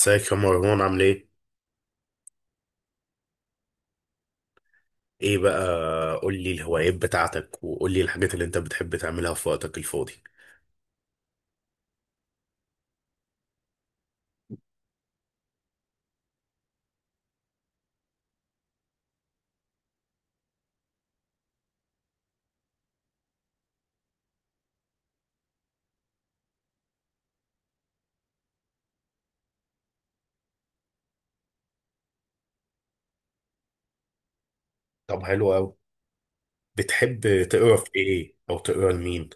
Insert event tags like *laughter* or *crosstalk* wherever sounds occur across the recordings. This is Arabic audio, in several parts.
ازيك يا مروان عامل ايه؟ ايه بقى، قول لي الهوايات بتاعتك وقول لي الحاجات اللي انت بتحب تعملها في وقتك الفاضي. طب حلو قوي. بتحب تقرا في ايه او تقرا لمين؟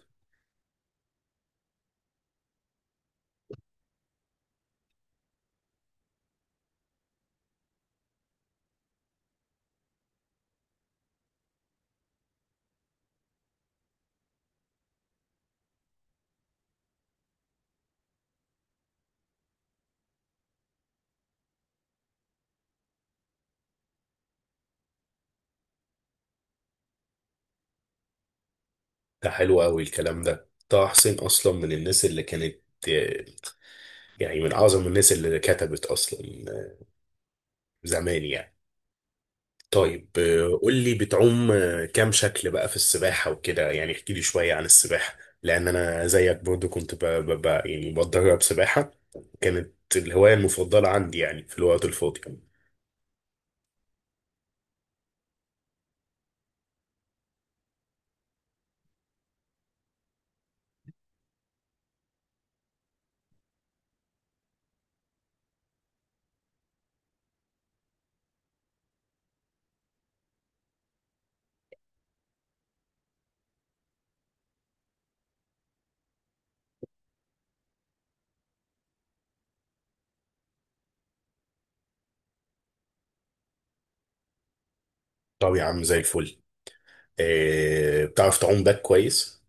ده حلو قوي الكلام ده. طه حسين اصلا من الناس اللي كانت، آه، يعني من اعظم الناس اللي كتبت اصلا، آه، زمان يعني. طيب، قول لي بتعوم، كام شكل بقى في السباحة وكده، يعني احكي لي شوية عن السباحة، لأن أنا زيك برضو كنت يعني بتدرب سباحة. كانت الهواية المفضلة عندي يعني في الوقت الفاضي. طب يا عم زي الفل. بتعرف تعوم باك كويس؟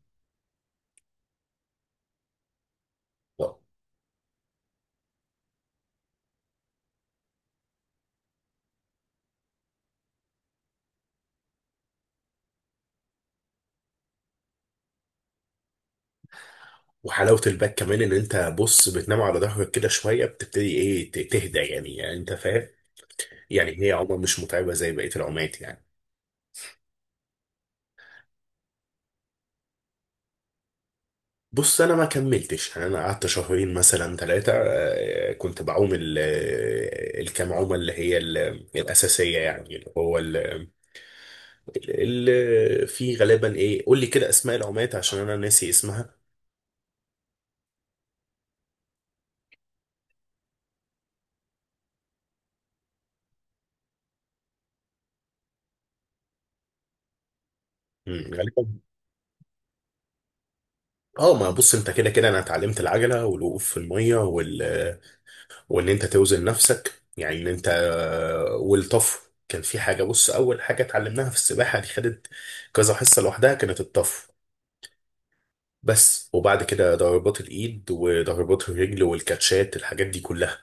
لا. وحلاوة الباك كمان إن أنت بص بتنام على ظهرك كده شوية بتبتدي إيه، تهدى يعني، يعني أنت فاهم، يعني هي عومة مش متعبة زي بقية العومات يعني. بص انا ما كملتش يعني، انا قعدت شهرين مثلا ثلاثه. كنت بعوم الكام عومه اللي هي الاساسيه يعني، اللي هو اللي في غالبا ايه، قول لي كده اسماء العومات عشان انا ناسي اسمها. مم، غالبا. اه ما بص انت كده كده انا اتعلمت العجله والوقوف في الميه وال آه، وان انت توزن نفسك، يعني ان انت، والطفو كان في حاجه. بص اول حاجه اتعلمناها في السباحه دي خدت كذا حصه لوحدها، كانت الطفو. بس وبعد كده ضربات الايد وضربات الرجل والكاتشات الحاجات دي كلها.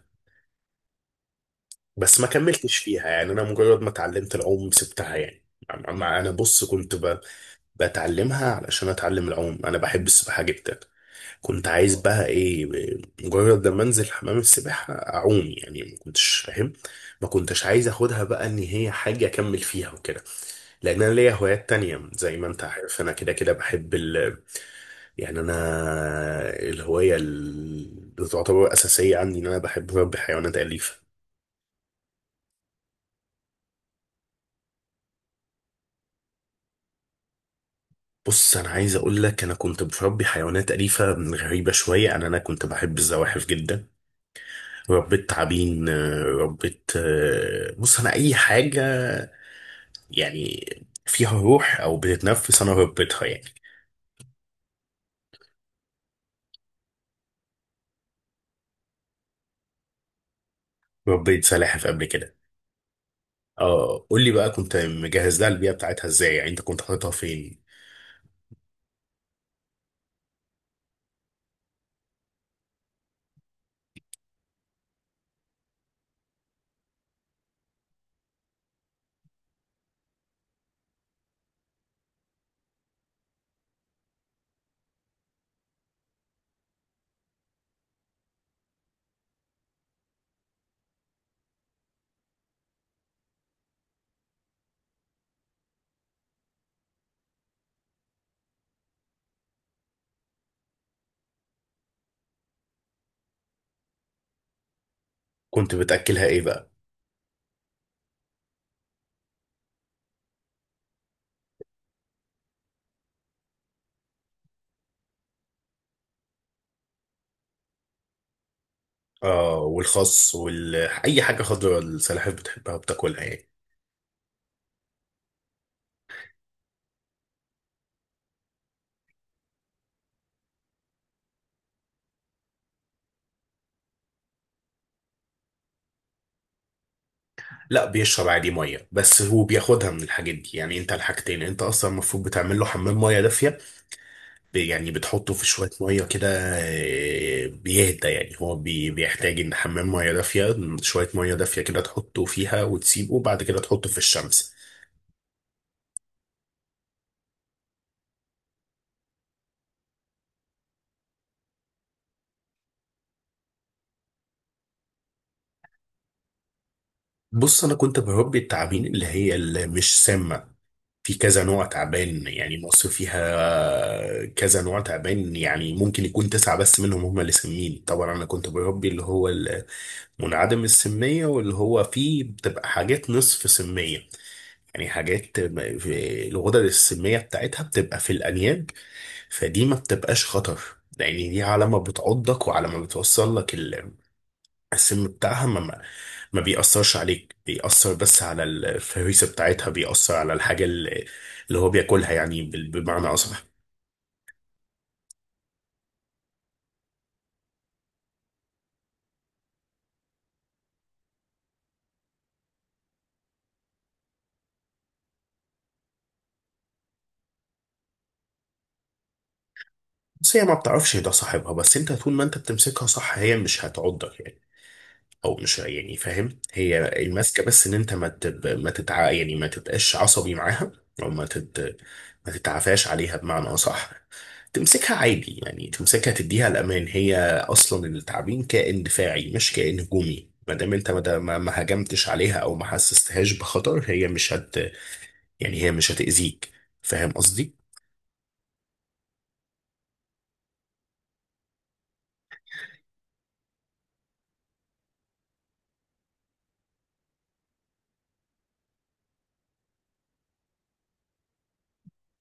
بس ما كملتش فيها يعني، انا مجرد ما اتعلمت العوم سبتها يعني. أما انا بص كنت بتعلمها علشان اتعلم العوم. انا بحب السباحه جدا، كنت عايز بقى ايه، مجرد لما انزل حمام السباحه اعوم يعني. ما كنتش فاهم، ما كنتش عايز اخدها بقى ان هي حاجه اكمل فيها وكده، لان انا ليا هوايات تانية زي ما انت عارف، انا كده كده بحب يعني. انا الهوايه اللي تعتبر اساسيه عندي ان انا بحب اربي حيوانات اليفه. بص انا عايز اقول لك انا كنت بربي حيوانات اليفه من غريبه شويه. انا كنت بحب الزواحف جدا. ربيت تعابين، ربيت، بص انا اي حاجه يعني فيها روح او بتتنفس انا ربيتها يعني. ربيت سلاحف قبل كده. اه قول لي بقى، كنت مجهز لها البيئه بتاعتها ازاي، يعني انت كنت حاططها فين؟ كنت بتاكلها ايه بقى؟ اه والخس وال اي حاجه خضراء السلاحف بتحبها بتاكلها يعني. لا بيشرب عادي ميه، بس هو بياخدها من الحاجات دي يعني. انت الحاجتين، انت اصلا المفروض بتعمل له حمام ميه دافيه، يعني بتحطه في شويه ميه كده، بيهدى يعني. هو بيحتاج ان حمام ميه دافيه، شويه ميه دافيه كده تحطه فيها وتسيبه، وبعد كده تحطه في الشمس. بص انا كنت بربي التعابين اللي هي اللي مش سامه. في كذا نوع تعبان يعني، مصر فيها كذا نوع تعبان، يعني ممكن يكون تسعة بس منهم هم اللي سمين. طبعا أنا كنت بربي اللي هو منعدم السمية، واللي هو فيه بتبقى حاجات نصف سمية، يعني حاجات الغدد السمية بتاعتها بتبقى في الأنياب. فدي ما بتبقاش خطر، لأن دي على ما بتعضك وعلى ما بتوصل لك السم بتاعها، ما بيأثرش عليك، بيأثر بس على الفريسة بتاعتها، بيأثر على الحاجة اللي هو بياكلها يعني، بمعنى أصح. بس هي ما بتعرفش ده صاحبها، بس انت طول ما انت بتمسكها صح هي مش هتعضك يعني، او مش يعني فاهم، هي الماسكه بس ان انت ما تتع، يعني ما تبقاش عصبي معاها، او ما تتعافاش عليها بمعنى اصح. تمسكها عادي يعني، تمسكها تديها الامان. هي اصلا التعبين كائن دفاعي مش كائن هجومي، ما دام انت ما هجمتش عليها او ما حسستهاش بخطر هي مش هت، يعني هي مش هتأذيك، فاهم قصدي؟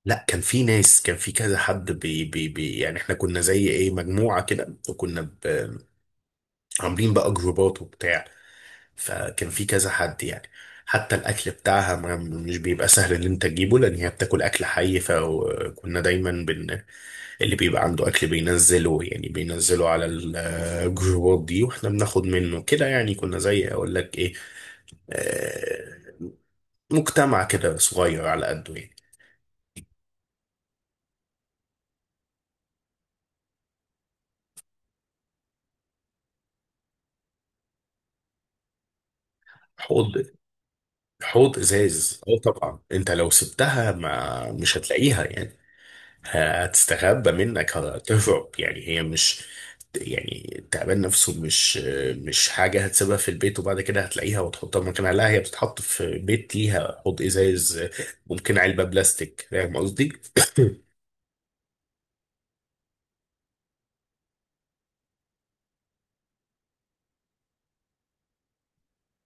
لا كان في ناس، كان في كذا حد بي بي بي يعني احنا كنا زي ايه مجموعه كده، وكنا عاملين بقى جروبات وبتاع، فكان في كذا حد يعني. حتى الاكل بتاعها ما مش بيبقى سهل ان انت تجيبه، لان هي بتاكل اكل حي، فكنا دايما اللي بيبقى عنده اكل بينزله يعني، بينزله على الجروبات دي، واحنا بناخد منه كده يعني. كنا زي اقول لك ايه، آه، مجتمع كده صغير على قده يعني. حوض، حوض ازاز. اه طبعا انت لو سبتها ما مش هتلاقيها يعني، هتستخبى منك هتهرب، يعني هي مش، يعني التعبان نفسه مش، مش حاجة هتسيبها في البيت وبعد كده هتلاقيها وتحطها مكانها، لا هي بتتحط في بيت ليها، حوض إزاز، ممكن علبة بلاستيك، فاهم قصدي؟ *coughs*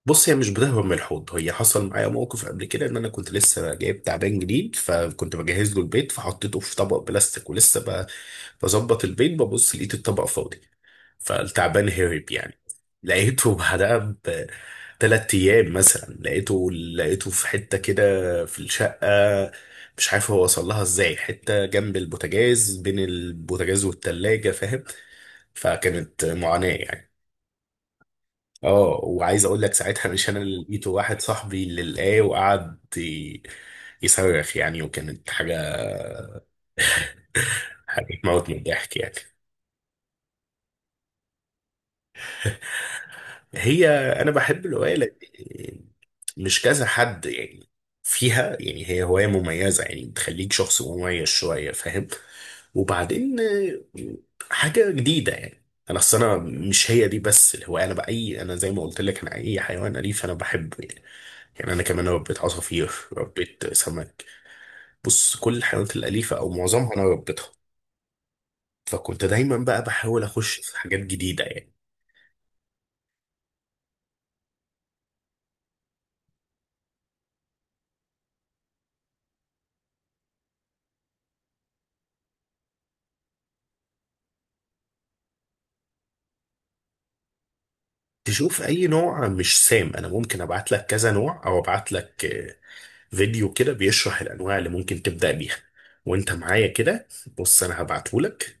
بص هي مش بتهرب من الحوض. هي حصل معايا موقف قبل كده، ان انا كنت لسه جايب تعبان جديد، فكنت بجهز له البيت، فحطيته في طبق بلاستيك، ولسه بظبط البيت، ببص لقيت الطبق فاضي، فالتعبان هرب يعني. لقيته بعدها بثلاث ايام مثلا، لقيته في حته كده في الشقه، مش عارف هو وصل لها ازاي، حته جنب البوتاجاز، بين البوتاجاز والتلاجه، فاهم؟ فكانت معاناه يعني. اه وعايز اقول لك ساعتها، مش انا اللي لقيته، واحد صاحبي اللي لقاه، وقعد يصرخ يعني، وكانت حاجه، حاجه تموت من الضحك يعني. هي انا بحب الروايه مش كذا حد يعني فيها يعني، هي هواية مميزة يعني، بتخليك شخص مميز شوية، فاهم؟ وبعدين، حاجة جديدة يعني. انا اصل انا مش هي دي بس الهواية، انا بأي، انا زي ما قلت لك انا اي حيوان اليف انا بحبه يعني، يعني انا كمان ربيت عصافير، ربيت سمك. بص كل الحيوانات الاليفة او معظمها انا ربيتها، فكنت دايما بقى بحاول اخش في حاجات جديدة يعني. تشوف اي نوع مش سام، انا ممكن ابعت لك كذا نوع، او ابعت لك فيديو كده بيشرح الانواع اللي ممكن تبدا بيها، وانت معايا كده. بص انا هبعتهولك،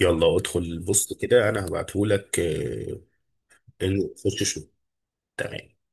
يلا ادخل بص كده، انا هبعتهولك، خش شوف. تمام.